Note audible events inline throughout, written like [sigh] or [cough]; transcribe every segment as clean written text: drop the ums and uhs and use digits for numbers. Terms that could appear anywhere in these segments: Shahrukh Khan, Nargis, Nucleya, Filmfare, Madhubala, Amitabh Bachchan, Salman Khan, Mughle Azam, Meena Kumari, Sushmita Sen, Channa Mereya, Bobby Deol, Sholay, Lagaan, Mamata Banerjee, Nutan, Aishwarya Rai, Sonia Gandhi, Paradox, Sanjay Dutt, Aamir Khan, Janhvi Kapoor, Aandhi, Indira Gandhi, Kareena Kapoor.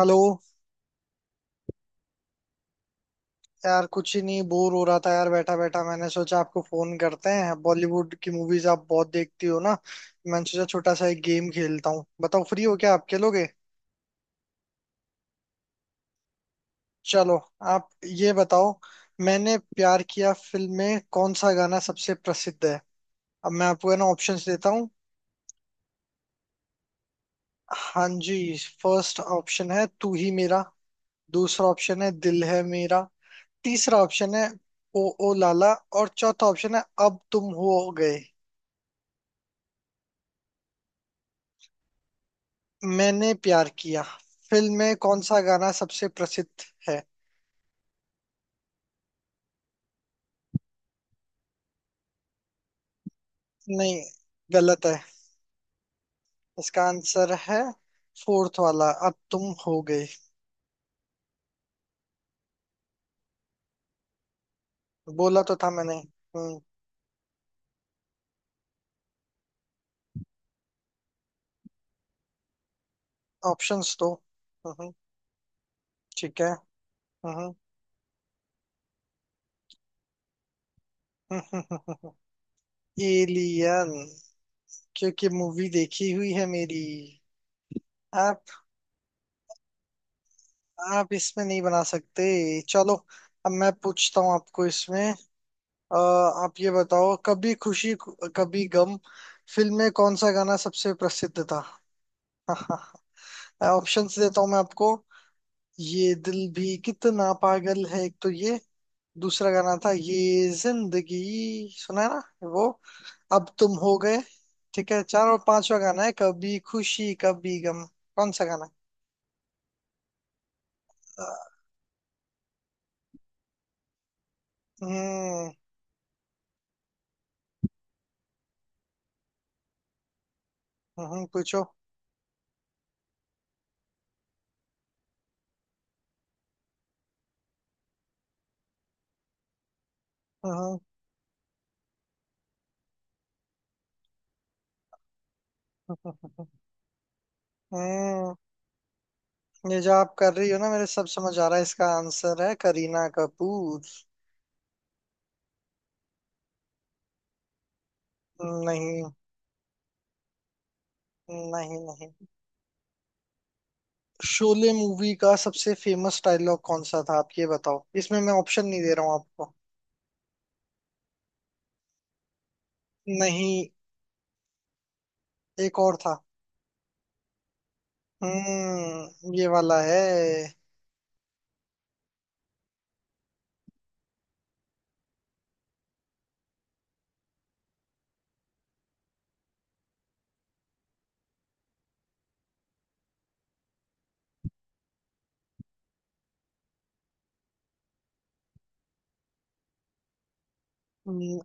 Hello. यार कुछ ही नहीं, बोर हो रहा था यार, बैठा बैठा मैंने सोचा आपको फोन करते हैं। बॉलीवुड की मूवीज आप बहुत देखती हो ना, मैंने सोचा छोटा सा एक गेम खेलता हूँ। बताओ फ्री हो क्या, आप खेलोगे? चलो आप ये बताओ, मैंने प्यार किया फिल्म में कौन सा गाना सबसे प्रसिद्ध है? अब मैं आपको है ना ऑप्शंस देता हूँ। हाँ जी, फर्स्ट ऑप्शन है तू ही मेरा। दूसरा ऑप्शन है दिल है मेरा। तीसरा ऑप्शन है ओ ओ लाला। और चौथा ऑप्शन है अब तुम हो गए। मैंने प्यार किया फिल्म में कौन सा गाना सबसे प्रसिद्ध है? नहीं, गलत है। इसका आंसर है फोर्थ वाला, अब तुम हो गई। बोला तो था मैंने। हम्म। ऑप्शंस तो। हम्म। ठीक है। हम्म। हम्म, एलियन। क्योंकि मूवी देखी हुई है मेरी। आप आप इसमें नहीं बना सकते। चलो अब मैं पूछता हूँ आपको इसमें। आप ये बताओ, कभी खुशी कभी गम फिल्म में कौन सा गाना सबसे प्रसिद्ध था? [laughs] ऑप्शंस देता हूँ मैं आपको। ये दिल भी कितना पागल है एक तो ये। दूसरा गाना था ये जिंदगी। सुना है ना वो। अब तुम हो गए। ठीक है, चार और पांचवा गाना है कभी खुशी कभी गम। कौन सा गाना? अ, हम्म। हम्म, पूछो। हम्म। हम्म। हम्म। हम्म। हम्म। ये जो आप कर रही हो ना, मेरे सब समझ आ रहा है। इसका आंसर है करीना कपूर। नहीं, नहीं नहीं। शोले मूवी का सबसे फेमस डायलॉग कौन सा था? आप ये बताओ, इसमें मैं ऑप्शन नहीं दे रहा हूँ आपको। नहीं, एक और था। हम्म, ये वाला है। हम्म।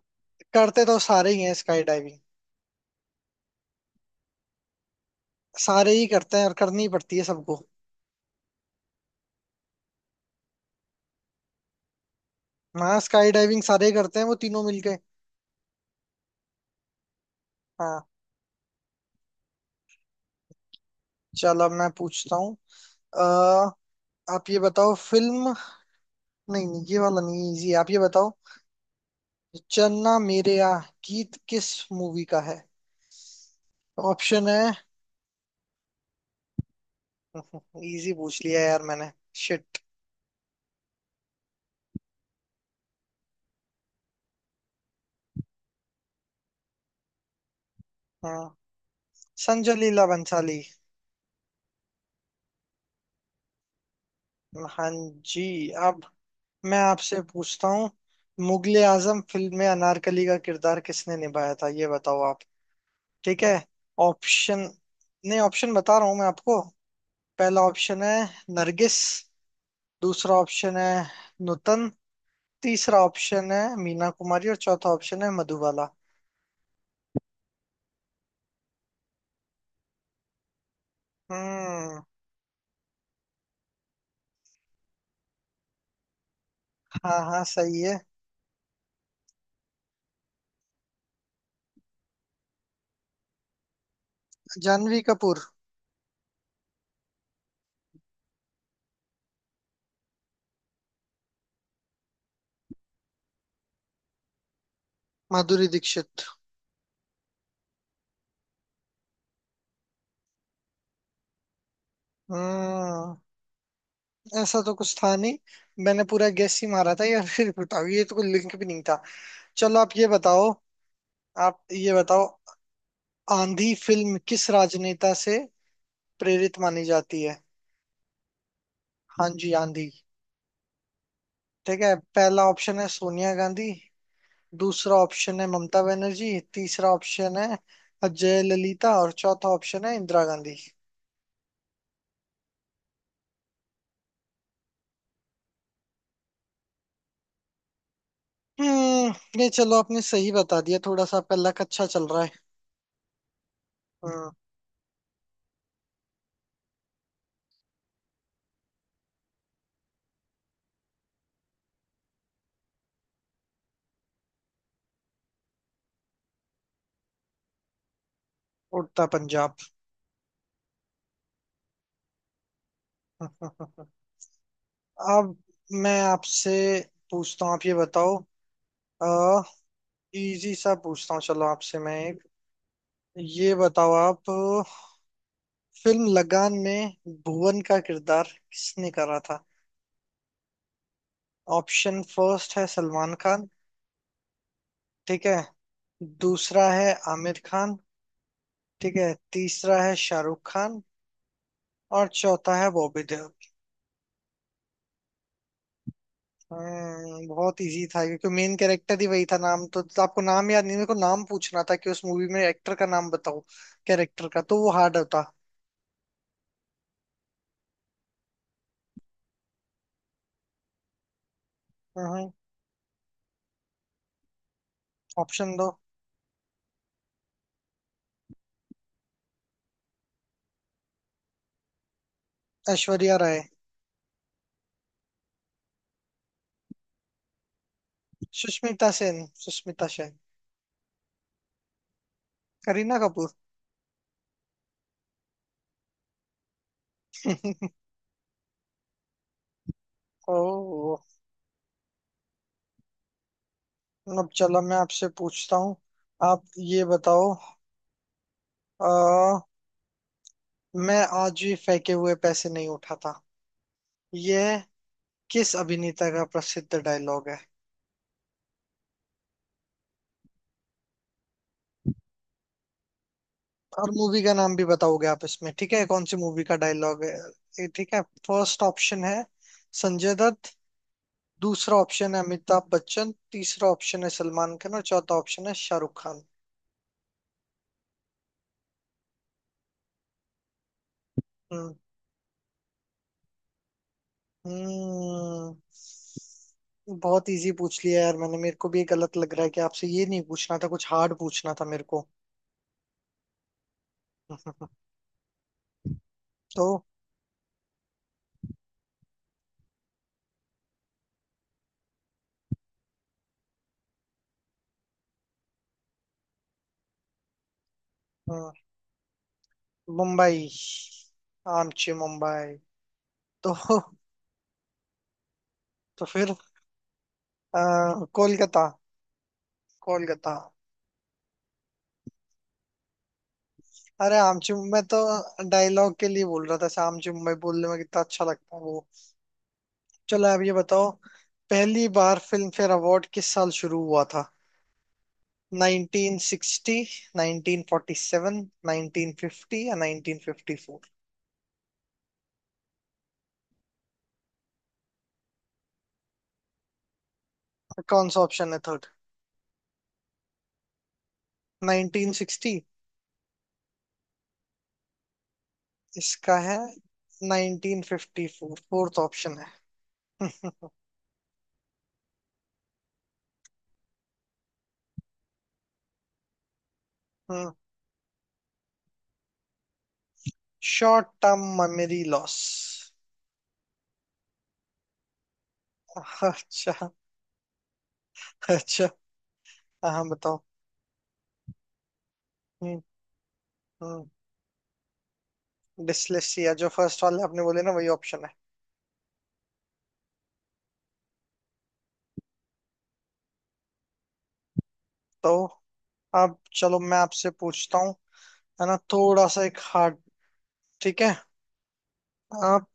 करते तो सारे ही हैं स्काई डाइविंग। सारे ही करते हैं और करनी पड़ती है सबको। हाँ, स्काई डाइविंग सारे ही करते हैं, वो तीनों मिलके। हाँ। चलो अब मैं पूछता हूँ। अह, आप ये बताओ फिल्म, नहीं नहीं ये वाला नहीं, इजी आप ये बताओ, चन्ना मेरेया गीत किस मूवी का है? ऑप्शन है। [laughs] इजी पूछ लिया यार मैंने। शिट। हाँ, संजय लीला बंसाली। हाँ जी। अब मैं आपसे पूछता हूँ। मुगले आजम फिल्म में अनारकली का किरदार किसने निभाया था, ये बताओ आप। ठीक है, ऑप्शन? नहीं, ऑप्शन बता रहा हूँ मैं आपको। पहला ऑप्शन है नरगिस। दूसरा ऑप्शन है नुतन। तीसरा ऑप्शन है मीना कुमारी, और चौथा ऑप्शन है मधुबाला। हम्म। हाँ हाँ, सही है। जानवी कपूर। माधुरी दीक्षित। हम्म, ऐसा तो कुछ था नहीं। मैंने पूरा गैस ही मारा था यार, फिर बताओ, ये तो कोई लिंक भी नहीं था। चलो आप ये बताओ। आप ये बताओ, आंधी फिल्म किस राजनेता से प्रेरित मानी जाती है? हाँ जी, आंधी। ठीक है, पहला ऑप्शन है सोनिया गांधी। दूसरा ऑप्शन है ममता बनर्जी। तीसरा ऑप्शन है अजय ललिता, और चौथा ऑप्शन है इंदिरा गांधी। हम्म। नहीं, चलो आपने सही बता दिया, थोड़ा सा आपका लक अच्छा चल रहा है। हम्म। उड़ता पंजाब। [laughs] अब मैं आपसे पूछता हूँ। आप ये बताओ। आ, इजी सा पूछता हूँ चलो आपसे मैं एक। ये बताओ आप, फिल्म लगान में भुवन का किरदार किसने करा था? ऑप्शन फर्स्ट है सलमान खान। ठीक है, दूसरा है आमिर खान। ठीक है, तीसरा है शाहरुख खान, और चौथा है बॉबी देओल। बहुत इजी था क्योंकि मेन कैरेक्टर ही वही था। नाम तो, आपको नाम याद नहीं। मेरे को नाम पूछना था कि उस मूवी में एक्टर का नाम बताओ। कैरेक्टर का तो वो हार्ड होता। हम्म। ऑप्शन दो। ऐश्वर्या राय। सुष्मिता सेन, सुष्मिता सेन। करीना कपूर। ओ। अब चलो मैं आपसे पूछता हूँ। आप ये बताओ। आ, मैं आज भी फेंके हुए पैसे नहीं उठाता, यह किस अभिनेता का प्रसिद्ध डायलॉग है? और मूवी का नाम भी बताओगे आप इसमें, ठीक है? कौन सी मूवी का डायलॉग है? ये ठीक है। फर्स्ट ऑप्शन है संजय दत्त। दूसरा ऑप्शन है अमिताभ बच्चन। तीसरा ऑप्शन है सलमान खान, और चौथा ऑप्शन है शाहरुख खान। हम्म। हम्म, बहुत इजी पूछ लिया यार मैंने। मेरे को भी ये गलत लग रहा है कि आपसे ये नहीं पूछना था, कुछ हार्ड पूछना था मेरे को। [laughs] तो। हम्म, मुंबई। आमची मुंबई। तो। तो फिर, आ, कोलकाता, कोलकाता। अरे आमची मैं तो डायलॉग के लिए बोल रहा था। आमची मुंबई बोलने में कितना अच्छा लगता है वो। चलो आप ये बताओ, पहली बार फिल्म फेयर अवार्ड किस साल शुरू हुआ था? 1960, 1947, 1950 या 1954? कौन सा ऑप्शन है थर्ड? 1960? इसका है 1954, फोर्थ ऑप्शन है। हम्म। हम्म। Short term memory loss. [laughs] अच्छा। अच्छा, हाँ हाँ, बताओ। हम्म। डिस्लेक्सिया, जो फर्स्ट वाले आपने बोले ना वही ऑप्शन है। तो आप, चलो मैं आपसे पूछता हूँ, है ना थोड़ा सा एक हार्ड, ठीक है? आप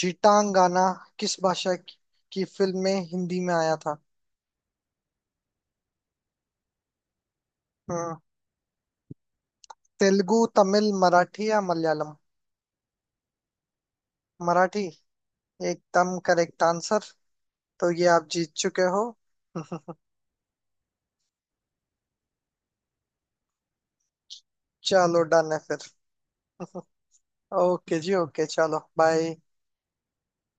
जीटांगाना किस भाषा की फिल्म में हिंदी में आया था? हम्म, तेलुगु, तमिल, मराठी या मलयालम? मराठी, एकदम करेक्ट आंसर। तो ये आप जीत चुके हो। [laughs] चलो डन है फिर। ओके जी, ओके चलो बाय।